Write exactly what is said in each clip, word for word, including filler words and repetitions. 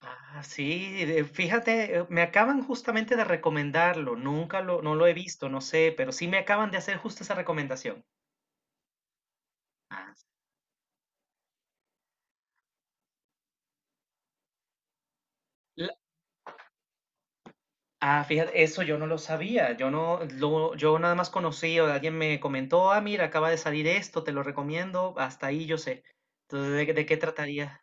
Ah, sí, de- fíjate, eh, me acaban justamente de recomendarlo, nunca lo, no lo he visto, no sé, pero sí me acaban de hacer justo esa recomendación. Ah, La- ah, fíjate, eso yo no lo sabía, yo no, lo, yo nada más conocí o alguien me comentó, ah, mira, acaba de salir esto, te lo recomiendo, hasta ahí yo sé. Entonces, ¿de, de qué trataría?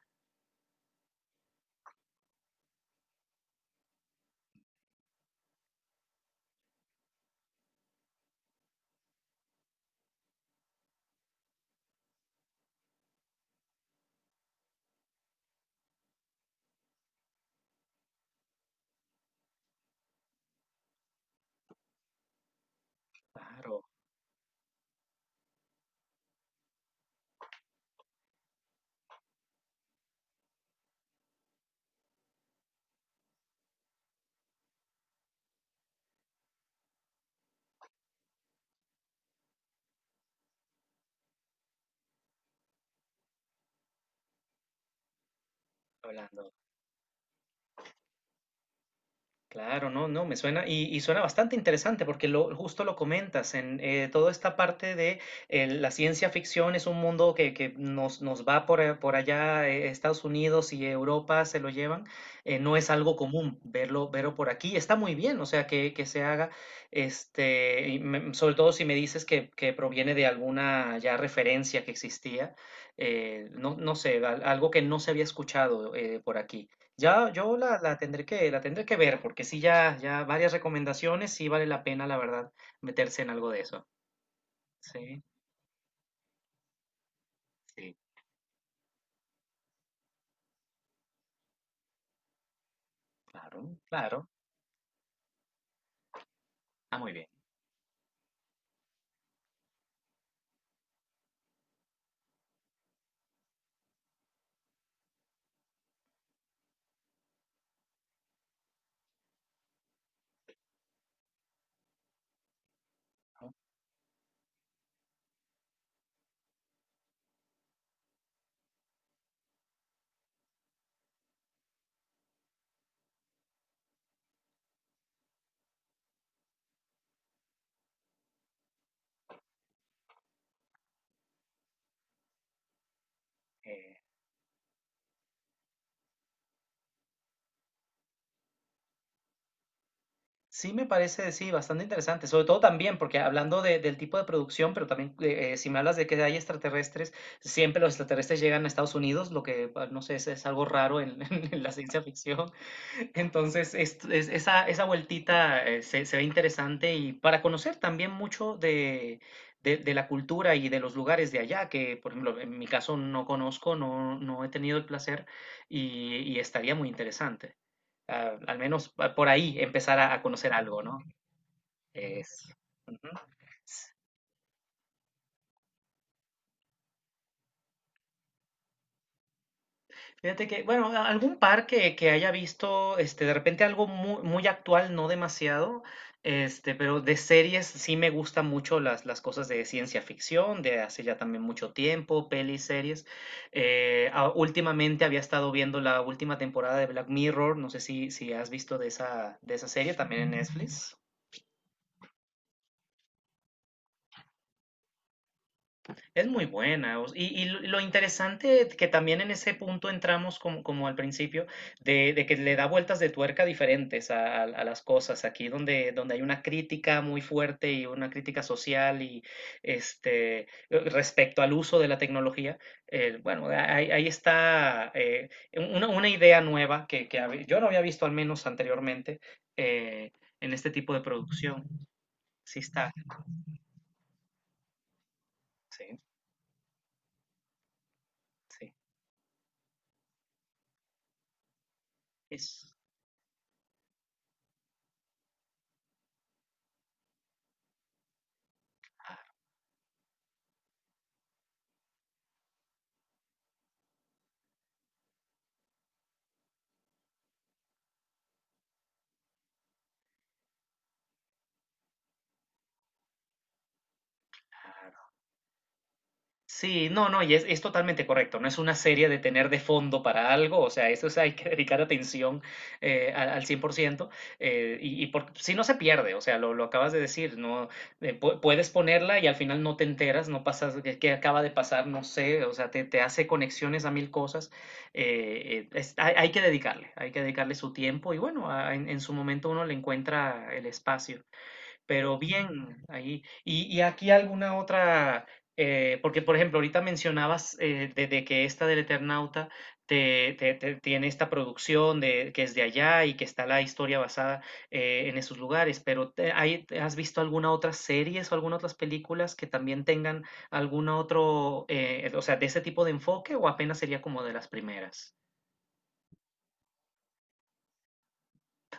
Claro, hablando. Claro, no, no, me suena y, y suena bastante interesante porque lo, justo lo comentas en eh, toda esta parte de eh, la ciencia ficción es un mundo que, que nos, nos va por, a- por allá, eh, Estados Unidos y Europa se lo llevan, eh, no es algo común verlo, verlo por aquí, está muy bien, o sea, que, que se haga, este, y me- sobre todo si me dices que, que proviene de alguna ya referencia que existía, eh, no, no sé, al- algo que no se había escuchado eh, por aquí. Ya yo la, la tendré que, la tendré que ver, porque sí, ya, ya varias recomendaciones, sí vale la pena, la verdad, meterse en algo de eso. Sí, sí, claro, claro. Ah, muy bien. ¿No? Eh, sí me parece, sí, bastante interesante, sobre todo también, porque hablando de- del tipo de producción, pero también eh, eh, si me hablas de que hay extraterrestres, siempre los extraterrestres llegan a Estados Unidos, lo que, ah, no sé, es, es algo raro en en la ciencia ficción. Entonces, es- es- esa, esa vueltita eh, se, se ve interesante y para conocer también mucho de, de- de la cultura y de los lugares de allá, que por ejemplo, en mi caso no conozco, no, no he tenido el placer y, y estaría muy interesante. Ah, al menos ah, por ahí empezar a, a conocer algo, ¿no? Es, ujú. Fíjate que, bueno, a- algún par que, que haya visto, este, de repente algo muy, muy actual, no demasiado, este, pero de series sí me gustan mucho las, las cosas de ciencia ficción, de hace ya también mucho tiempo, pelis, series. Eh, a- últimamente había estado viendo la última temporada de Black Mirror, no sé si, si has visto de esa, de esa serie también en Netflix. Es muy buena. o- Y, y lo lo interesante que también en ese punto entramos como, como al principio, de, de que le da vueltas de tuerca diferentes a, a- a las cosas. Aquí donde, donde hay una crítica muy fuerte y una crítica social y este eh, respecto al uso de la tecnología, eh, bueno, a- ahí, ahí está eh, una, una idea nueva que, que hab- yo no había visto al menos anteriormente eh, en este tipo de producción. Sí está, sí, sí. Es... ah, sí, no, no, y es, es totalmente correcto. No es una serie de tener de fondo para algo, o sea, eso es- hay que dedicar atención eh, al, al cien por ciento. Eh, y y por- si no se pierde, o sea, lo, lo acabas de decir, no eh, pu- puedes ponerla y al final no te enteras, no pasas, qué qué acaba de pasar, no sé, o sea, te, te hace conexiones a mil cosas. eh, eh, es- hay, hay que dedicarle, hay que dedicarle su tiempo y bueno, a- en en su momento uno le encuentra el espacio pero bien ahí. Y, y aquí alguna otra, eh, porque por ejemplo, ahorita mencionabas eh, de, de que esta del Eternauta te, te- te- tiene esta producción de, que es de allá y que está la historia basada eh, en esos lugares, pero te- hay- te- ¿has visto alguna otra series o alguna otras películas que también tengan algún otro, eh, o sea, de ese tipo de enfoque o apenas sería como de las primeras?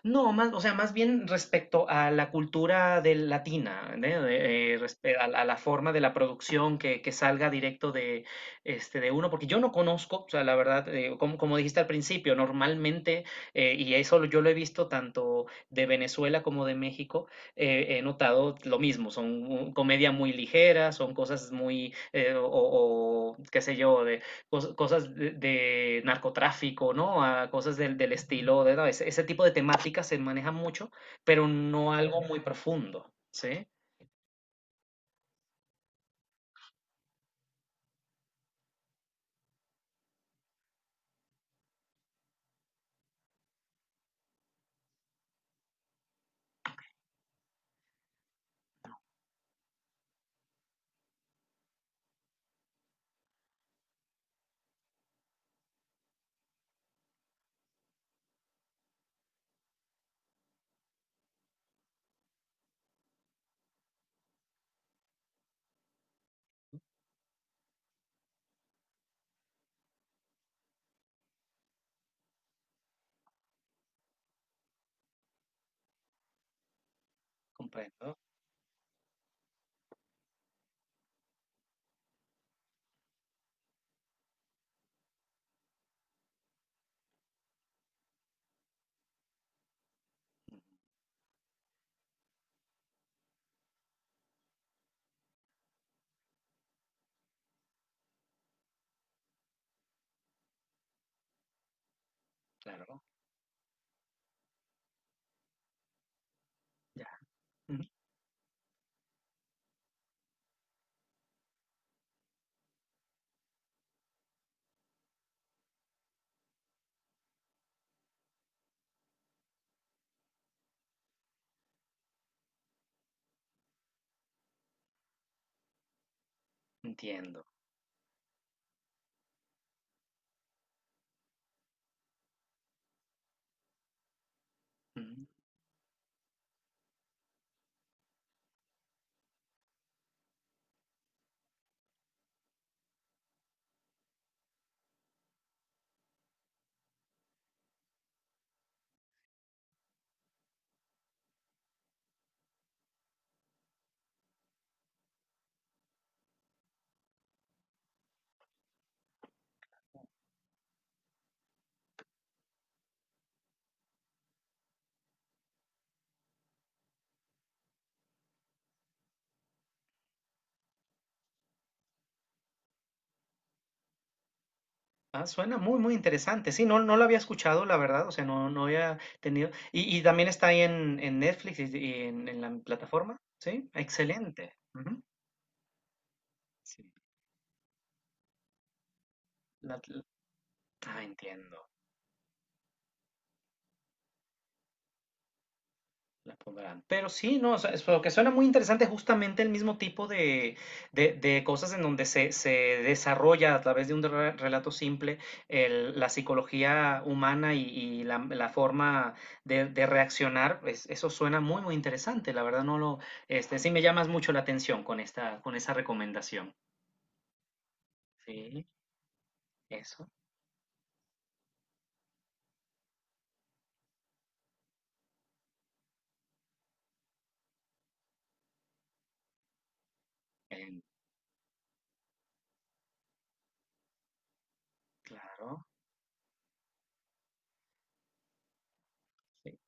No, más, o sea, más bien respecto a la cultura del latina, ¿né? De- eh, respe- a, la a la forma de la producción que, que salga directo de, este, de uno, porque yo no conozco, o sea, la verdad, eh, como, como dijiste al principio, normalmente, eh, y eso lo- yo lo he visto tanto de Venezuela como de México, eh, he notado lo mismo, son uh, comedia muy ligera, son cosas muy, eh, o, o, qué sé yo, de, cos- cosas de, de narcotráfico, ¿no? A cosas del, del estilo, de, ¿no? Ese, ese tipo de temáticas se manejan mucho, pero no algo muy profundo, ¿sí? Comprendo, claro, ya, ujú, entiendo. Ujú. Ah, suena muy, muy interesante. Sí, no, no lo había escuchado, la verdad, o sea, no, no había tenido. Y, y también está ahí en, en Netflix y, y en, en la plataforma, ¿sí? Excelente. Ujú. Sí. La- la- ah, entiendo. La pondrán. Pero sí, no, o sea, es lo que suena muy interesante justamente el mismo tipo de, de- de cosas en donde se, se desarrolla a través de un re- relato simple el- la psicología humana y, y la, la forma de, de reaccionar. Es- eso suena muy, muy interesante. La verdad no lo, este, sí me llamas mucho la atención con esta, con esa recomendación. Sí, eso. em, claro. Sí.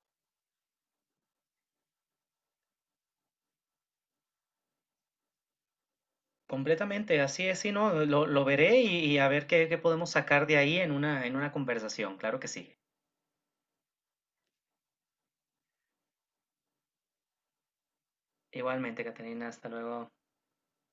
Completamente, así es, sí, no, lo, lo veré y, y a ver qué, qué podemos sacar de ahí en una, en una conversación, claro que sí. Igualmente, Catalina, hasta luego.